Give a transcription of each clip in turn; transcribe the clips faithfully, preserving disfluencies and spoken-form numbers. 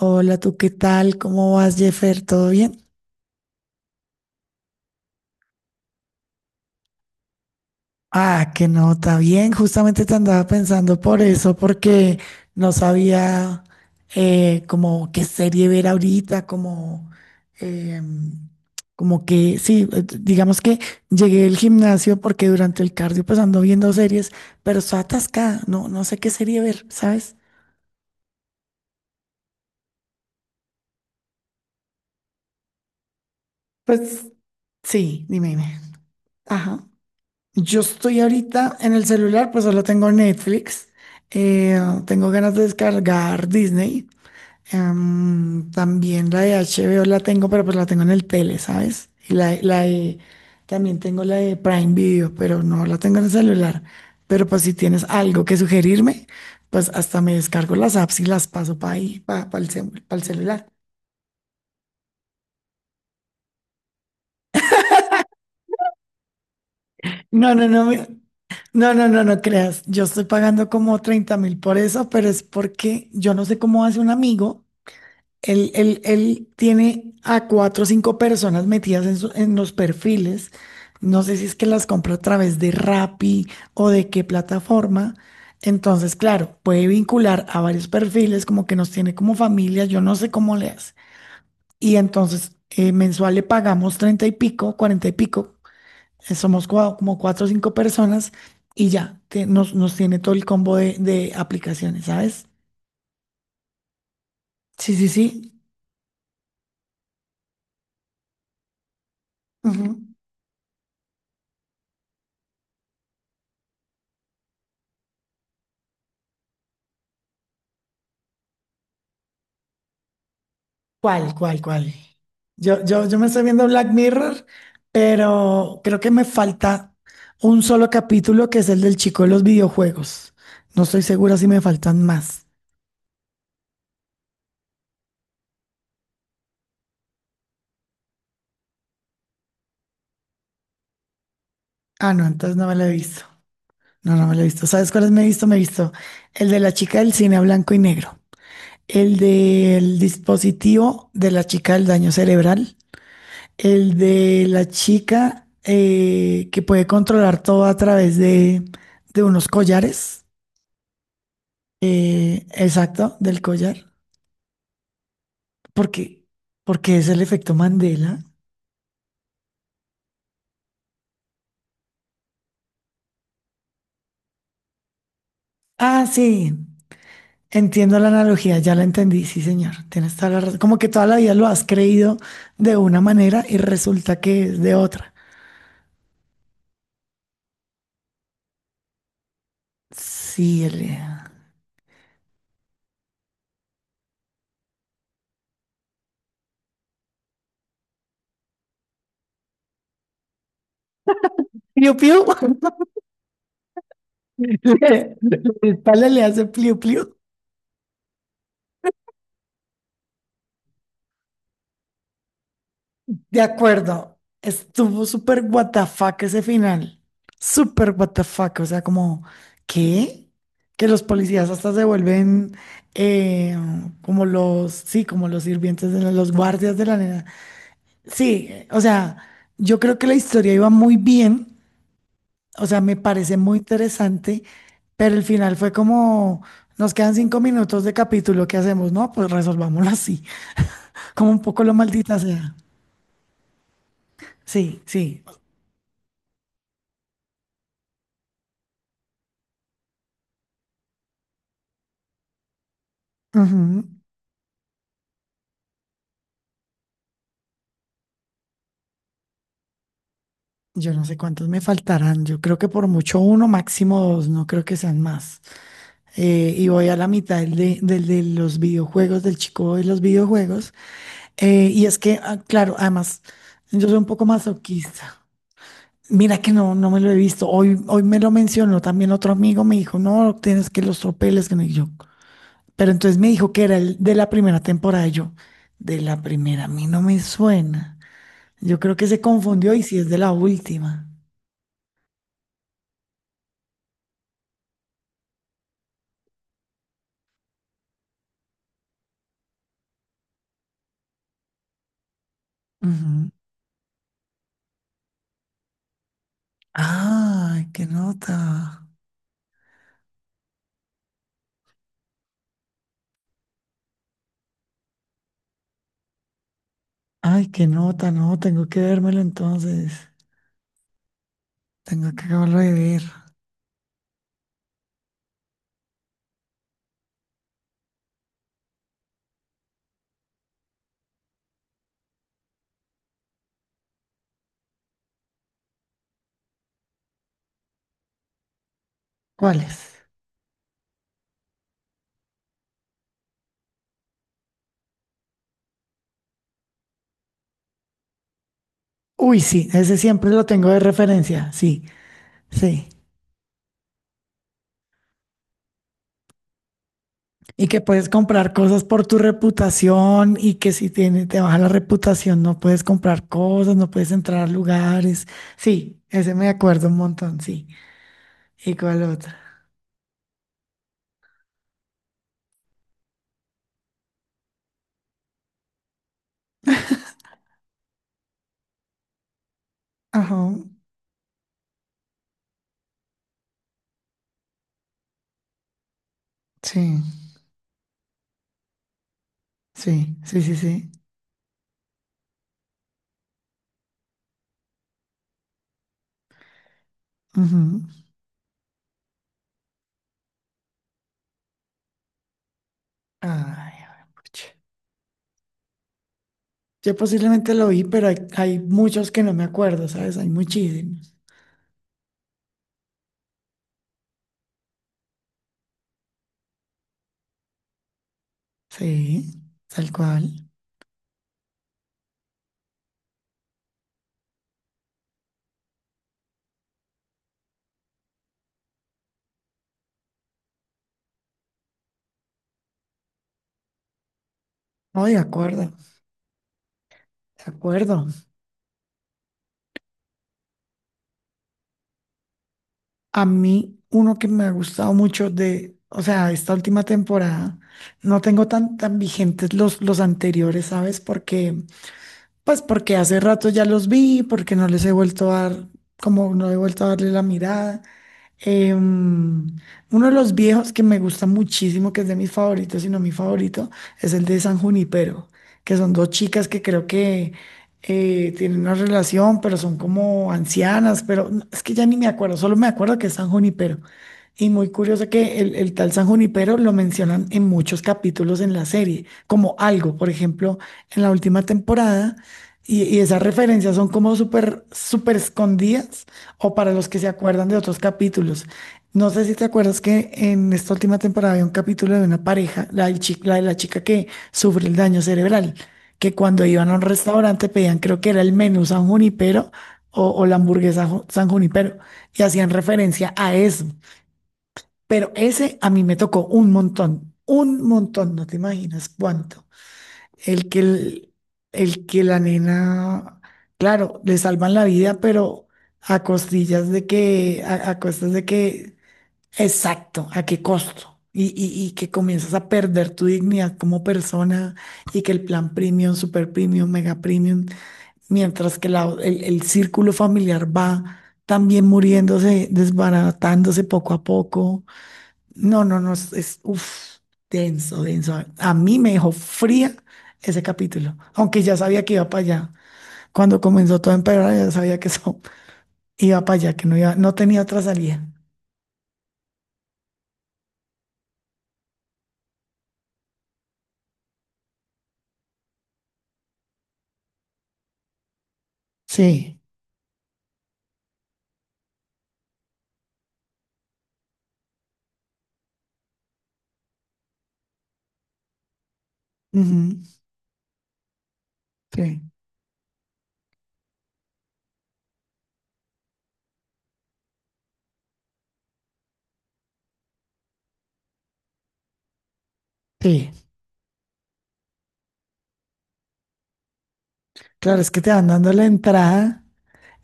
Hola, ¿tú qué tal? ¿Cómo vas, Jeffer? ¿Todo bien? Ah, qué nota, bien. Justamente te andaba pensando por eso, porque no sabía eh, como qué serie ver ahorita, como, em, como que, sí, eh, digamos que llegué al gimnasio porque durante el cardio pues ando viendo series, pero estoy atascada, no, no sé qué serie ver, ¿sabes? Pues sí, dime, dime. Ajá. Yo estoy ahorita en el celular, pues solo tengo Netflix. eh, Tengo ganas de descargar Disney. Em, también la de H B O la tengo, pero pues la tengo en el tele, ¿sabes? Y la, la de- también tengo la de Prime Video, pero no la tengo en el celular. Pero pues si tienes algo que sugerirme, pues hasta me descargo las apps y las paso para ahí, para el celular. No, no, no. No, no, no, no creas. Yo estoy pagando como treinta mil por eso, pero es porque yo no sé cómo hace un amigo. Él, él, él tiene a cuatro o cinco personas metidas en, su- en los perfiles. No sé si es que las compra a través de Rappi o de qué plataforma. Entonces, claro, puede vincular a varios perfiles, como que nos tiene como familia. Yo no sé cómo le hace. Y entonces, eh, mensual le pagamos treinta y pico, cuarenta y pico eh, somos cua- como cuatro o cinco personas y ya, te- nos, nos tiene todo el combo de, de aplicaciones, ¿sabes? Sí, sí, sí. Ujú. ¿Cuál, cuál, cuál? Yo, yo, yo me estoy viendo Black Mirror, pero creo que me falta un solo capítulo que es el del chico de los videojuegos. No estoy segura si me faltan más. Ah, no, entonces no me lo he visto. No, no me lo he visto. ¿Sabes cuáles me he visto? Me he visto el de la chica del cine a blanco y negro, el del dispositivo de la chica del daño cerebral. El de la chica eh, que puede controlar todo a través de, de unos collares. Eh, exacto, del collar. Porque Porque es el efecto Mandela. Ah, sí. Entiendo la analogía, ya la entendí, sí, señor. Tienes toda la razón. Como que toda la vida lo has creído de una manera y resulta que es de otra. Sí, el... Piu, piu. La espalda le hace pliu, pliu. De acuerdo, estuvo súper what the fuck ese final. Súper what the fuck, o sea, como, ¿qué? Que los policías hasta se vuelven eh, como los, sí, como los sirvientes de la- los guardias de la nena. Sí, eh, o sea, yo creo que la historia iba muy bien, o sea, me parece muy interesante, pero el final fue como, nos quedan cinco minutos de capítulo, ¿qué hacemos? No, pues resolvámoslo así, como un poco lo maldita sea. Sí, sí. Ujú. Yo no sé cuántos me faltarán. Yo creo que por mucho uno, máximo dos, no creo que sean más. Eh, y voy a la mitad del de, del de los videojuegos, del chico de los videojuegos. Eh, y es que, ah, claro, además, yo soy un poco masoquista. Mira que no, no me lo he visto. Hoy, hoy me lo mencionó también otro amigo, me dijo, no, tienes que los tropeles, que no y yo. Pero entonces me dijo que era el de la primera temporada. Y yo, de la primera, a mí no me suena. Yo creo que se confundió y si es de la última. ¡Ay, qué nota! ¡Ay, qué nota! No, tengo que vérmelo entonces. Tengo que acabarlo de ver. ¿Cuál es? Uy, sí, ese siempre lo tengo de referencia. Sí, sí. Y que puedes comprar cosas por tu reputación y que si tiene, te baja la reputación no puedes comprar cosas, no puedes entrar a lugares. Sí, ese me acuerdo un montón, sí. ¿Y cuál otra? Ajá, sí, sí, sí, sí, sí. Ujú. Ay, a ver, pucha. Yo posiblemente lo vi, pero hay, hay muchos que no me acuerdo, ¿sabes? Hay muchísimos. Sí, tal cual. No, de acuerdo, de acuerdo. A mí, uno que me ha gustado mucho de, o sea, esta última temporada, no tengo tan, tan vigentes los, los anteriores, ¿sabes? Porque, pues porque hace rato ya los vi, porque no les he vuelto a dar, como no he vuelto a darle la mirada. Em, Uno de los viejos que me gusta muchísimo, que es de mis favoritos, si no mi favorito, es el de San Junipero, que son dos chicas que creo que eh, tienen una relación, pero son como ancianas, pero no- es que ya ni me acuerdo, solo me acuerdo que es San Junipero. Y muy curioso que el, el tal San Junipero lo mencionan en muchos capítulos en la serie, como algo, por ejemplo, en la última temporada, y, y esas referencias son como súper, súper escondidas o para los que se acuerdan de otros capítulos. No sé si te acuerdas que en esta última temporada había un capítulo de una pareja, la, del chi- la de la chica que sufre el daño cerebral, que cuando iban a un restaurante pedían, creo que era el menú San Junipero o, o la hamburguesa Ju- San Junipero, y hacían referencia a eso. Pero ese a mí me tocó un montón, un montón, no te imaginas cuánto. El que, el, el que la nena, claro, le salvan la vida, pero a costillas de que, a, a costas de que, exacto, a qué costo. Y, y, y que comienzas a perder tu dignidad como persona y que el plan premium, super premium, mega premium, mientras que la- el, el círculo familiar va también muriéndose, desbaratándose poco a poco. No, no, no, es, es, uf, denso, denso. A, a mí me dejó fría ese capítulo, aunque ya sabía que iba para allá. Cuando comenzó todo a empeorar, ya sabía que eso iba para allá, que no iba, no tenía otra salida. Sí, ujú, sí, sí. Claro, es que te van dando la entrada,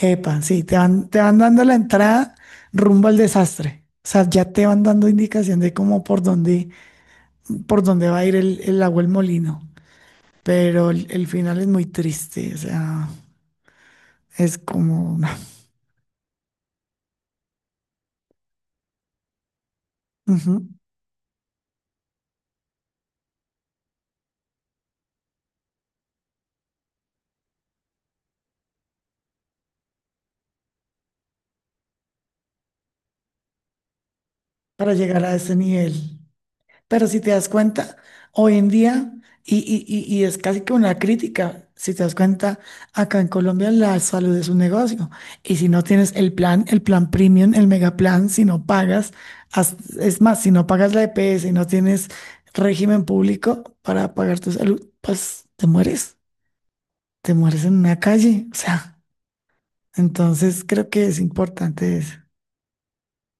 epa, sí, te van, te van dando la entrada rumbo al desastre. O sea, ya te van dando indicación de cómo por dónde, por dónde va a ir el, el agua el molino. Pero el, el final es muy triste, o sea. Es como ujú, para llegar a ese nivel. Pero si te das cuenta, hoy en día, y, y- y- y es casi que una crítica, si te das cuenta, acá en Colombia la salud es un negocio. Y si no tienes el plan, el plan premium, el mega plan, si no pagas, haz- es más, si no pagas la E P S y no tienes régimen público para pagar tu salud, pues te mueres, te mueres en una calle. O sea, entonces creo que es importante eso.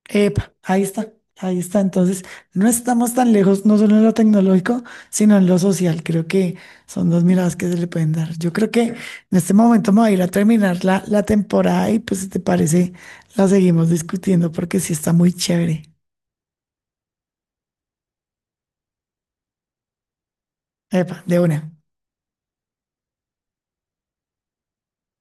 Epa, ahí está, ahí está. Entonces, no estamos tan lejos, no solo en lo tecnológico, sino en lo social. Creo que son dos miradas que se le pueden dar. Yo creo que en este momento me voy a ir a terminar la, la temporada y pues si te parece, la seguimos discutiendo porque sí está muy chévere. Epa, de una.